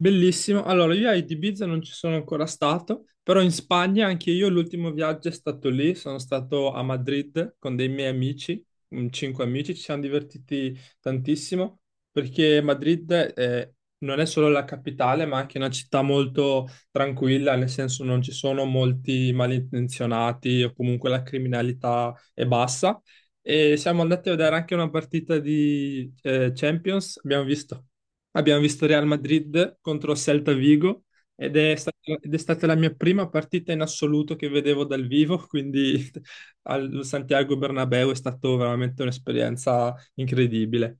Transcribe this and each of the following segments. Bellissimo. Allora, io a Ibiza non ci sono ancora stato, però in Spagna anche io l'ultimo viaggio è stato lì. Sono stato a Madrid con dei miei amici, cinque amici. Ci siamo divertiti tantissimo perché Madrid eh, non è solo la capitale, ma anche una città molto tranquilla, nel senso non ci sono molti malintenzionati o comunque la criminalità è bassa. E siamo andati a vedere anche una partita di Champions, abbiamo visto. Abbiamo visto Real Madrid contro Celta Vigo ed è stata la mia prima partita in assoluto che vedevo dal vivo, quindi al Santiago Bernabéu è stata veramente un'esperienza incredibile.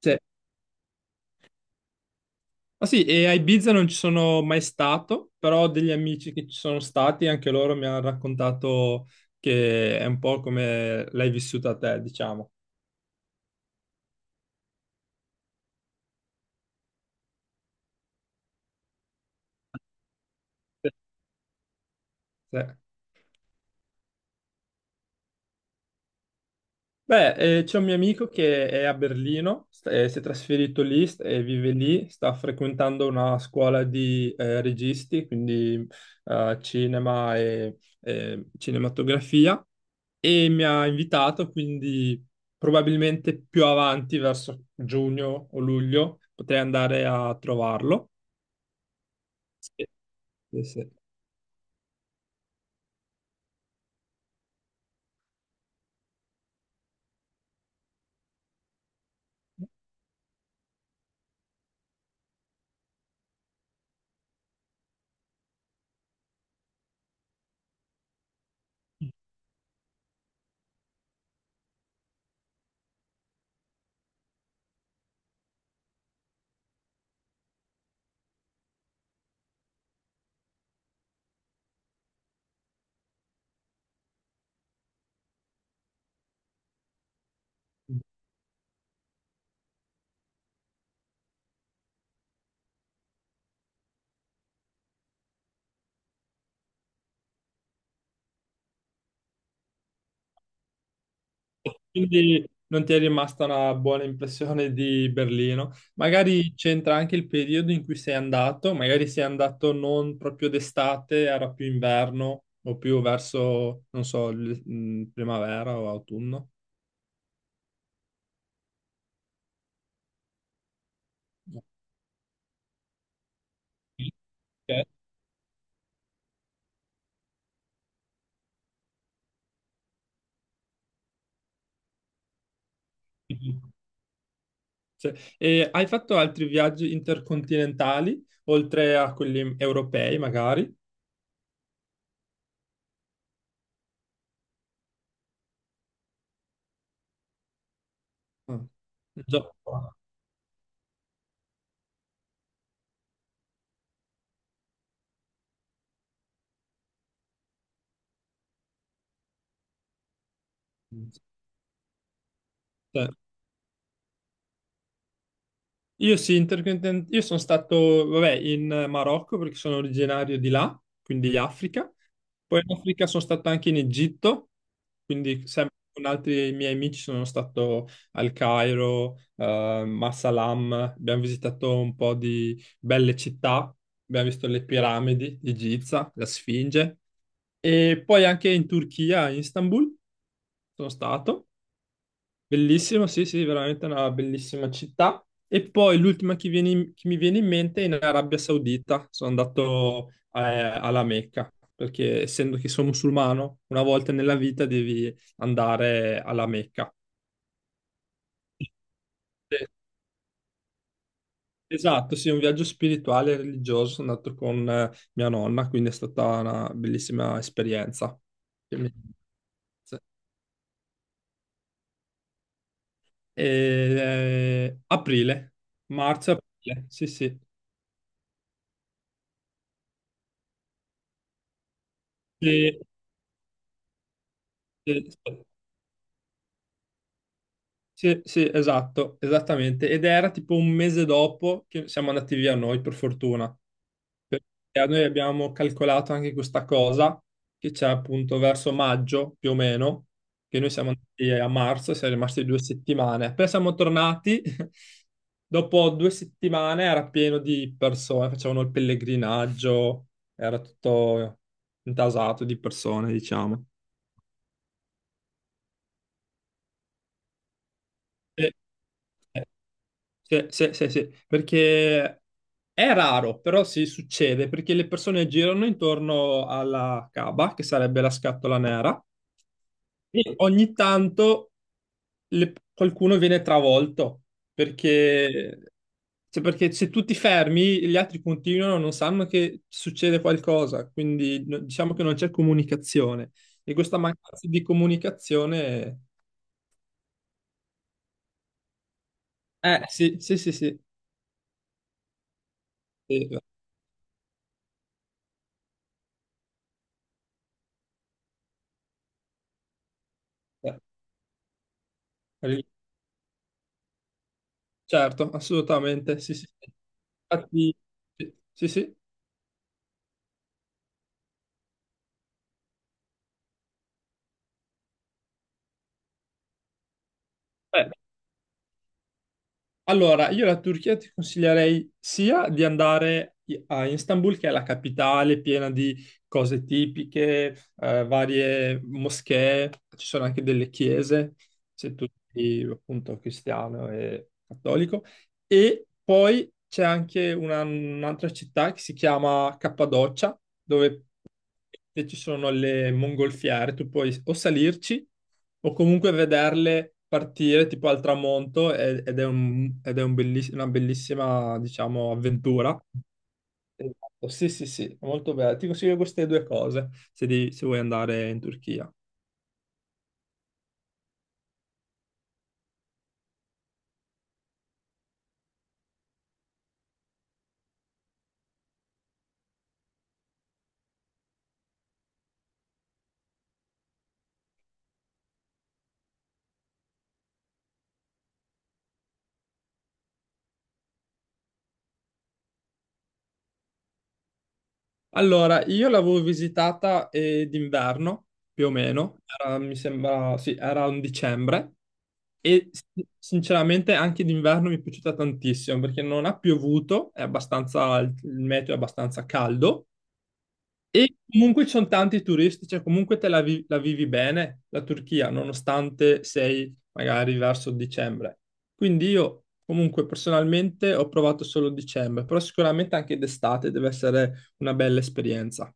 Cioè, ah sì, e a Ibiza non ci sono mai stato, però ho degli amici che ci sono stati, anche loro mi hanno raccontato che è un po' come l'hai vissuta te, diciamo. Sì. Sì. Beh, c'è un mio amico che è a Berlino, si è trasferito lì e vive lì. Sta frequentando una scuola di registi, quindi cinema e cinematografia, e mi ha invitato, quindi probabilmente più avanti, verso giugno o luglio, potrei andare a trovarlo. Sì, sì. Sì. Quindi non ti è rimasta una buona impressione di Berlino. Magari c'entra anche il periodo in cui sei andato, magari sei andato non proprio d'estate, era più inverno o più verso, non so, primavera o autunno. Ok. Sì. E hai fatto altri viaggi intercontinentali, oltre a quelli europei, magari? Ah. Giappone. Io sì, io sono stato, vabbè, in Marocco perché sono originario di là, quindi Africa. Poi in Africa sono stato anche in Egitto, quindi sempre con altri miei amici sono stato al Cairo, Massalam. Abbiamo visitato un po' di belle città, abbiamo visto le piramidi di Giza, la Sfinge. E poi anche in Turchia, in Istanbul, sono stato. Bellissimo, sì, sì, veramente una bellissima città. E poi l'ultima che mi viene in mente è in Arabia Saudita. Sono andato alla Mecca, perché essendo che sono musulmano, una volta nella vita devi andare alla Mecca. Eh, Esatto, sì, un viaggio spirituale e religioso. Sono andato con mia nonna, quindi è stata una bellissima esperienza. Che mi- E, aprile, marzo-aprile, sì, sì. E- e- Sì, sì, esatto, esattamente. Ed era tipo un mese dopo che siamo andati via noi, per fortuna. Perché noi abbiamo calcolato anche questa cosa, che c'è appunto verso maggio, più o meno, che noi siamo andati a marzo, siamo rimasti 2 settimane. Poi siamo tornati, dopo 2 settimane era pieno di persone, facevano il pellegrinaggio, era tutto intasato di persone, diciamo. E- Sì, sì, sì, sì, perché è raro, però sì, succede, perché le persone girano intorno alla Kaaba, che sarebbe la scatola nera, e ogni tanto qualcuno viene travolto, perché, cioè, perché se tu ti fermi, gli altri continuano, non sanno che succede qualcosa, quindi diciamo che non c'è comunicazione. E questa mancanza di comunicazione, sì, sì, sì, sì, sì, eh, eh, Certo, assolutamente, sì, sì. Sì. Infatti, sì, sì. Sì. Beh, allora, io la Turchia ti consiglierei sia di andare a Istanbul, che è la capitale piena di cose tipiche, varie moschee, ci sono anche delle chiese, se tu sei appunto cristiano e cattolico, e poi c'è anche un'altra città che si chiama Cappadocia, dove e ci sono le mongolfiere, tu puoi o salirci o comunque vederle partire tipo al tramonto e- ed è un belliss- una bellissima, diciamo, avventura. Esatto, sì, sì, sì, molto bello. Ti consiglio queste due cose se vuoi andare in Turchia. Allora, io l'avevo visitata d'inverno, più o meno, era, mi sembra, sì, era un dicembre, e sinceramente anche d'inverno mi è piaciuta tantissimo, perché non ha piovuto, è abbastanza, il meteo è abbastanza caldo, e comunque ci sono tanti turisti, cioè comunque la vivi bene, la Turchia, nonostante sei magari verso dicembre. Quindi io, comunque, personalmente ho provato solo dicembre, però sicuramente anche d'estate deve essere una bella esperienza.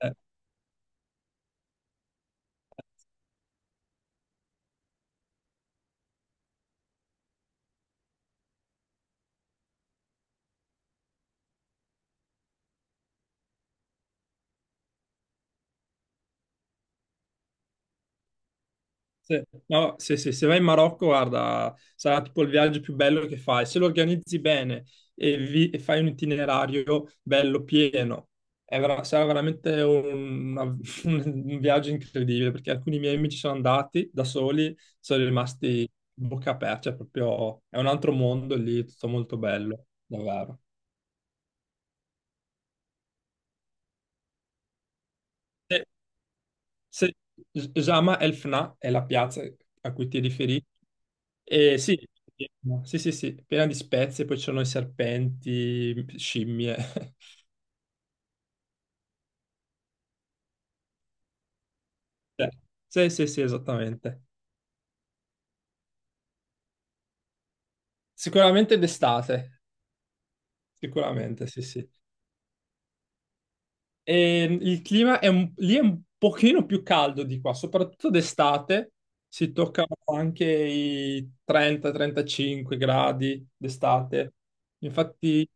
Eh, sì. No, sì, sì, se vai in Marocco, guarda, sarà tipo il viaggio più bello che fai. Se lo organizzi bene e fai un itinerario bello pieno, sarà veramente un viaggio incredibile, perché alcuni miei amici sono andati da soli, sono rimasti bocca aperta, cioè proprio è un altro mondo lì, tutto molto bello, davvero. Se Jama El Fna è la piazza a cui ti riferivi. E sì, sì, sì, sì, piena di spezie, poi ci sono i serpenti, scimmie. Cioè, sì, sì, sì, esattamente. Sicuramente d'estate, sicuramente, sì, sì. Il clima lì è un pochino più caldo di qua, soprattutto d'estate si toccano anche i 30-35 gradi d'estate. Infatti,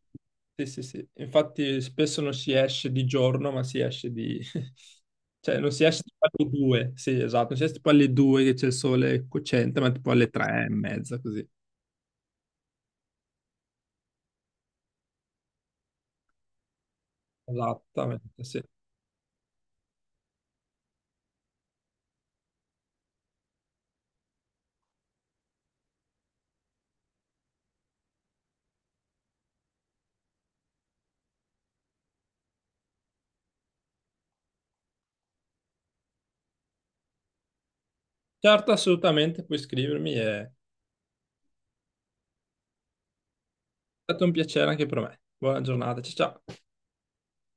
sì, sì, sì. Infatti spesso non si esce di giorno, ma si esce di cioè non si esce tipo alle 2, sì, esatto, non si esce tipo alle 2 che c'è il sole cocente, ma tipo alle 3 e mezza così. Esattamente, sì. Certo, assolutamente, puoi scrivermi, è stato un piacere anche per me. Buona giornata, ciao ciao.